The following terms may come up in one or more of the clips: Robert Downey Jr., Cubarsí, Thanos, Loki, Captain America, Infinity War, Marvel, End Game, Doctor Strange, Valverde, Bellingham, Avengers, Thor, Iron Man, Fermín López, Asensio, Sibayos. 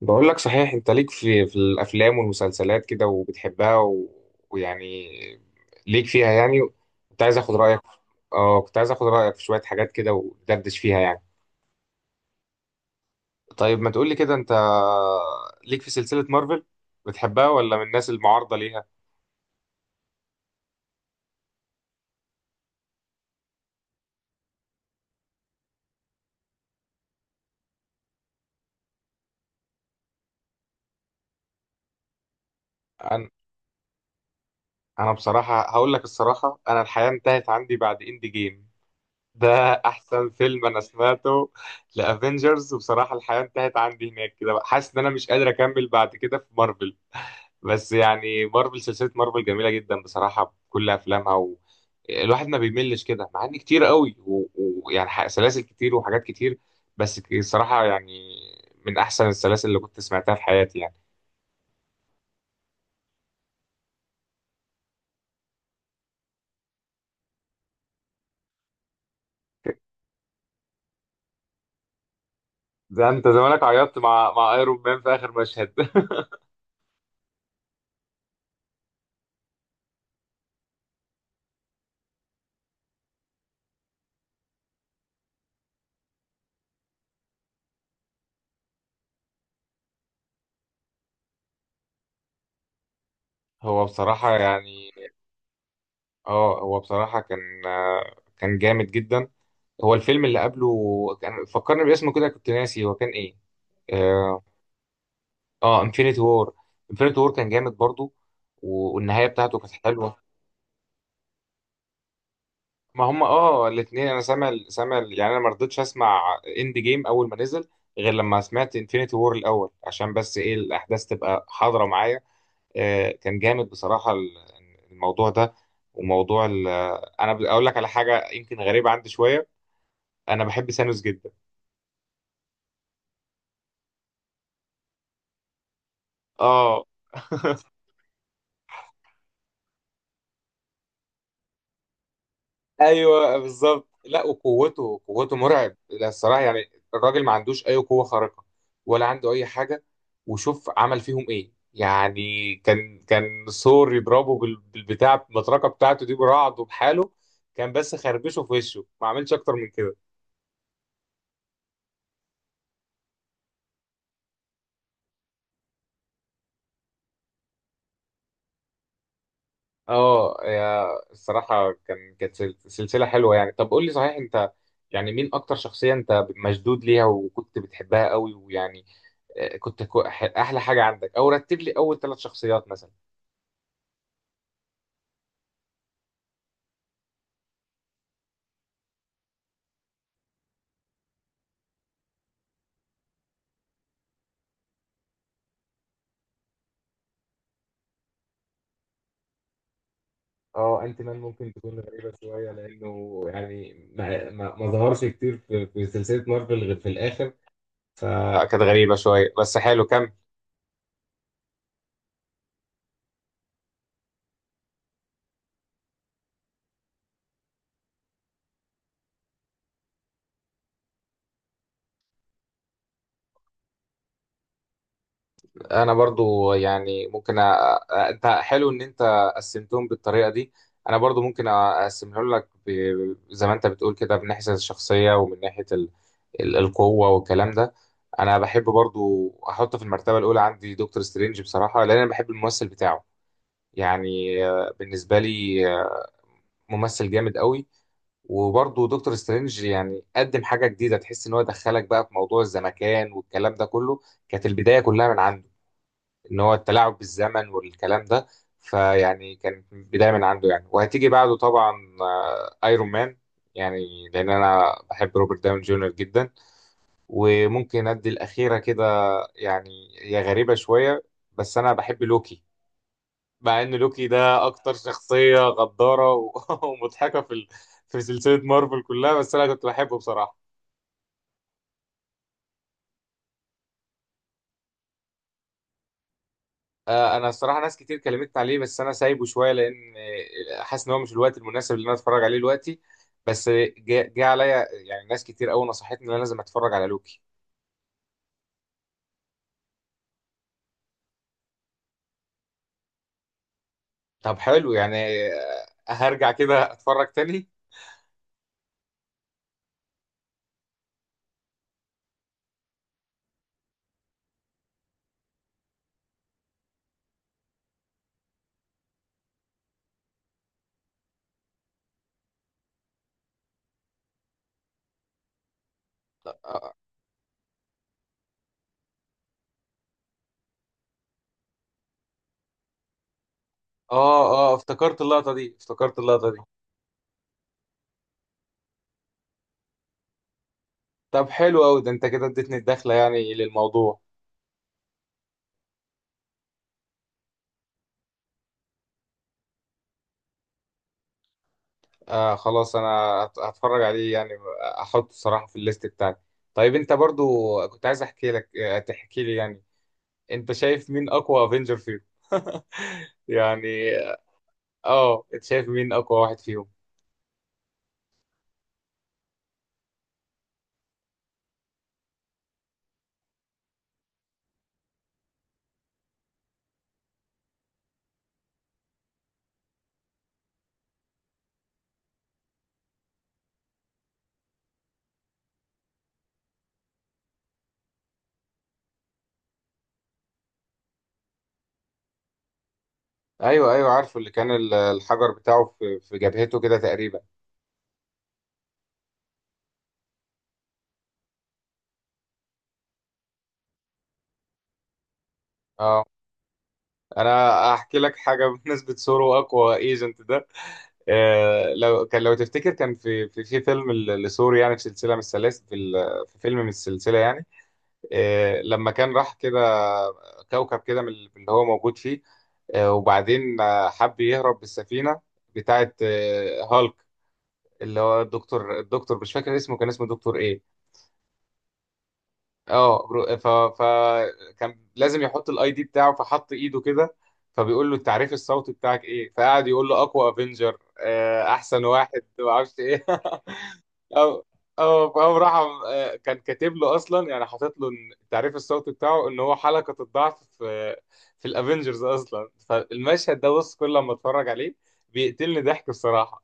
بقول لك، صحيح انت ليك في الافلام والمسلسلات كده وبتحبها، ويعني ليك فيها يعني، كنت عايز اخد رايك. اه كنت عايز اخد رايك في شويه حاجات كده وندردش فيها يعني. طيب ما تقول لي كده انت، ليك في سلسله مارفل، بتحبها ولا من الناس المعارضه ليها؟ انا انا بصراحه هقول لك الصراحه، انا الحياه انتهت عندي بعد اند جيم ده. احسن فيلم انا سمعته لافنجرز، وبصراحه الحياه انتهت عندي هناك كده بقى. حاسس ان انا مش قادر اكمل بعد كده في مارفل. بس يعني مارفل، سلسلة مارفل جميلة جدا بصراحة بكل أفلامها، الواحد ما بيملش كده، مع إن كتير قوي ويعني يعني سلاسل كتير وحاجات كتير. بس الصراحة يعني من أحسن السلاسل اللي كنت سمعتها في حياتي يعني. ده أنت زمانك عيطت مع أيرون مان في آخر مشهد. هو بصراحة يعني، اه هو بصراحة كان جامد جدا. هو الفيلم اللي قبله، كان فكرني باسمه كده، كنت ناسي هو كان إيه؟ آه، اه انفينيتي وور. انفينيتي وور كان جامد برضو، والنهايه بتاعته كانت حلوه. ما هم اه الاثنين، انا يعني انا ما رضيتش اسمع اند جيم اول ما نزل، غير لما سمعت انفينيتي وور الاول، عشان بس ايه، الاحداث تبقى حاضره معايا. آه كان جامد بصراحه الموضوع ده، وموضوع ال- انا اقول لك على حاجه يمكن غريبه عندي شويه. انا بحب سانوس جدا. اه ايوه بالظبط. لا، وقوته، قوته مرعب. لا، الصراحه يعني الراجل ما عندوش اي قوه خارقه، ولا عنده اي حاجه. وشوف عمل فيهم ايه يعني، كان ثور يضربه بالبتاع، المطرقه بتاعته دي، برعد وبحاله، كان بس خربشه في وشه، ما عملش اكتر من كده. اه يا الصراحه، كانت سلسله حلوه يعني. طب قول لي صحيح انت، يعني مين اكتر شخصيه انت مشدود ليها وكنت بتحبها قوي ويعني، احلى حاجه عندك، او رتب لي اول ثلاث شخصيات مثلا. اه انت مان ممكن تكون غريبه شويه، لانه يعني ما ظهرش كتير في سلسله مارفل غير في الاخر، فكانت غريبه شويه، بس حلو كمل. انا برضو يعني ممكن، انت حلو ان انت قسمتهم بالطريقه دي. انا برضو ممكن اقسمهم لك، زي ما انت بتقول كده، من ناحيه الشخصيه ومن ناحيه القوه والكلام ده. انا بحب برضو احط في المرتبه الاولى عندي دكتور سترينج بصراحه، لان انا بحب الممثل بتاعه، يعني بالنسبه لي، ممثل جامد قوي. وبرضو دكتور سترينج يعني قدم حاجه جديده، تحس ان هو دخلك بقى في موضوع الزمكان والكلام ده كله. كانت البدايه كلها من عنده، ان هو التلاعب بالزمن والكلام ده. فيعني كانت بدايه من عنده يعني، وهتيجي بعده طبعا ايرون مان، يعني لان انا بحب روبرت داون جونيور جدا. وممكن ادي الاخيره كده، يعني هي غريبه شويه، بس انا بحب لوكي. مع ان لوكي ده اكتر شخصيه غداره ومضحكه في سلسله مارفل كلها، بس انا كنت بحبه بصراحه. انا الصراحه ناس كتير كلمتني عليه، بس انا سايبه شويه، لان حاسس ان هو مش الوقت المناسب اللي انا اتفرج عليه دلوقتي. بس جه عليا، يعني ناس كتير قوي نصحتني ان انا لازم اتفرج على لوكي. طب حلو يعني. هرجع كده اتفرج تاني. اه، اه، افتكرت اللقطه دي، افتكرت اللقطه دي. طب حلو قوي، ده انت كده اديتني الدخله يعني للموضوع. آه خلاص، انا هتفرج عليه يعني. احطه الصراحه في الليست بتاعتي. طيب انت برضو كنت عايز احكي لك آه، تحكي لي يعني، انت شايف مين اقوى افنجر فيهم يعني؟ اه انت شايف مين اقوى واحد فيهم؟ ايوه ايوه عارفه، اللي كان الحجر بتاعه في جبهته كده تقريبا. اه، انا احكي لك حاجه. بالنسبه سورو اقوى ايجنت ده، آه لو تفتكر، كان في فيلم لسورو يعني، في سلسله من السلاسل، في فيلم من السلسله يعني، آه لما كان راح كده كوكب كده من اللي هو موجود فيه، وبعدين حب يهرب بالسفينه بتاعت هالك، اللي هو الدكتور مش فاكر اسمه، كان اسمه دكتور ايه؟ اه برو- ف فكان لازم يحط الاي دي بتاعه، فحط ايده كده، فبيقول له، التعريف الصوتي بتاعك ايه؟ فقعد يقول له اقوى افنجر، احسن واحد، ما اعرفش ايه. أو أو فقام راح، كان كاتب له أصلا يعني، حاطط له إن التعريف الصوتي بتاعه إن هو حلقة الضعف في الأفينجرز أصلا. فالمشهد ده، بص كل لما أتفرج عليه بيقتلني ضحك بصراحة.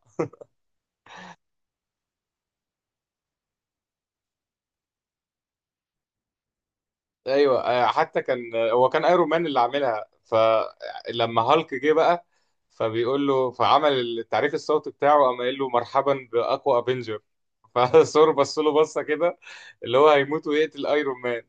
ايوه حتى كان، هو كان ايرون مان اللي عاملها، فلما هالك جه بقى، فبيقول له فعمل التعريف الصوتي بتاعه، قام قايل له، مرحبا باقوى افنجر، فثور بص له بصه كده، اللي هو هيموت ويقتل ايرون مان.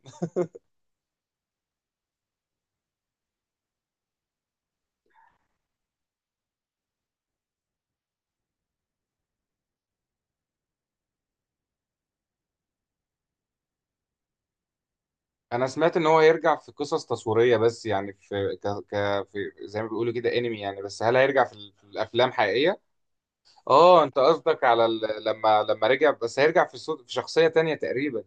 انا سمعت ان هو يرجع في قصص تصويريه، بس يعني في زي ما بيقولوا كده انمي يعني، بس هل هيرجع في الافلام حقيقيه؟ اه انت قصدك على، ال... لما لما رجع، بس هيرجع في صوت في شخصيه تانية تقريبا.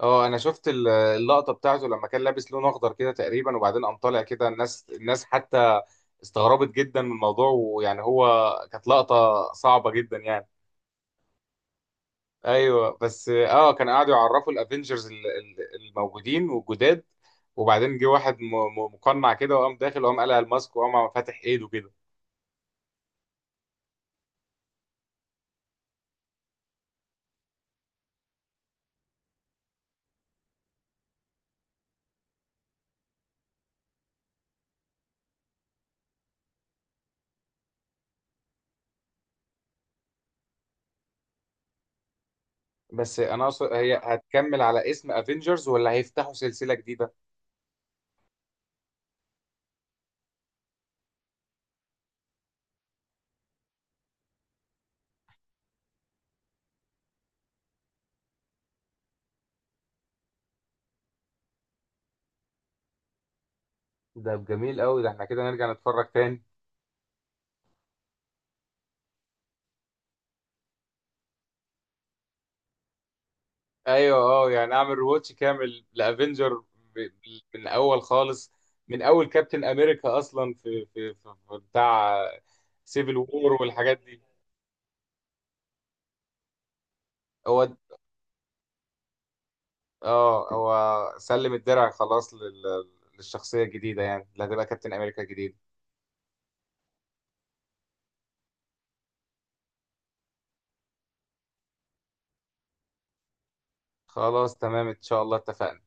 اه انا شفت اللقطه بتاعته لما كان لابس لون اخضر كده تقريبا، وبعدين قام طالع كده، الناس، الناس حتى استغربت جدا من الموضوع، ويعني هو كانت لقطه صعبه جدا يعني. ايوه بس اه كان قاعدوا يعرفوا الافنجرز الموجودين والجداد، وبعدين جه واحد مقنع كده، وقام داخل، وقام قلع الماسك، وقام فاتح ايده كده. بس انا اقصد، هي هتكمل على اسم افنجرز ولا هيفتحوا سلسله جديده؟ ده جميل قوي، ده احنا كده نرجع نتفرج تاني. ايوه اه يعني اعمل ريواتش كامل لافنجر، من اول خالص، من اول كابتن امريكا اصلا في بتاع سيفل وور والحاجات دي. هو اه هو سلم الدرع خلاص للشخصيه الجديده، يعني اللي هتبقى كابتن امريكا الجديد. خلاص تمام، ان شاء الله اتفقنا.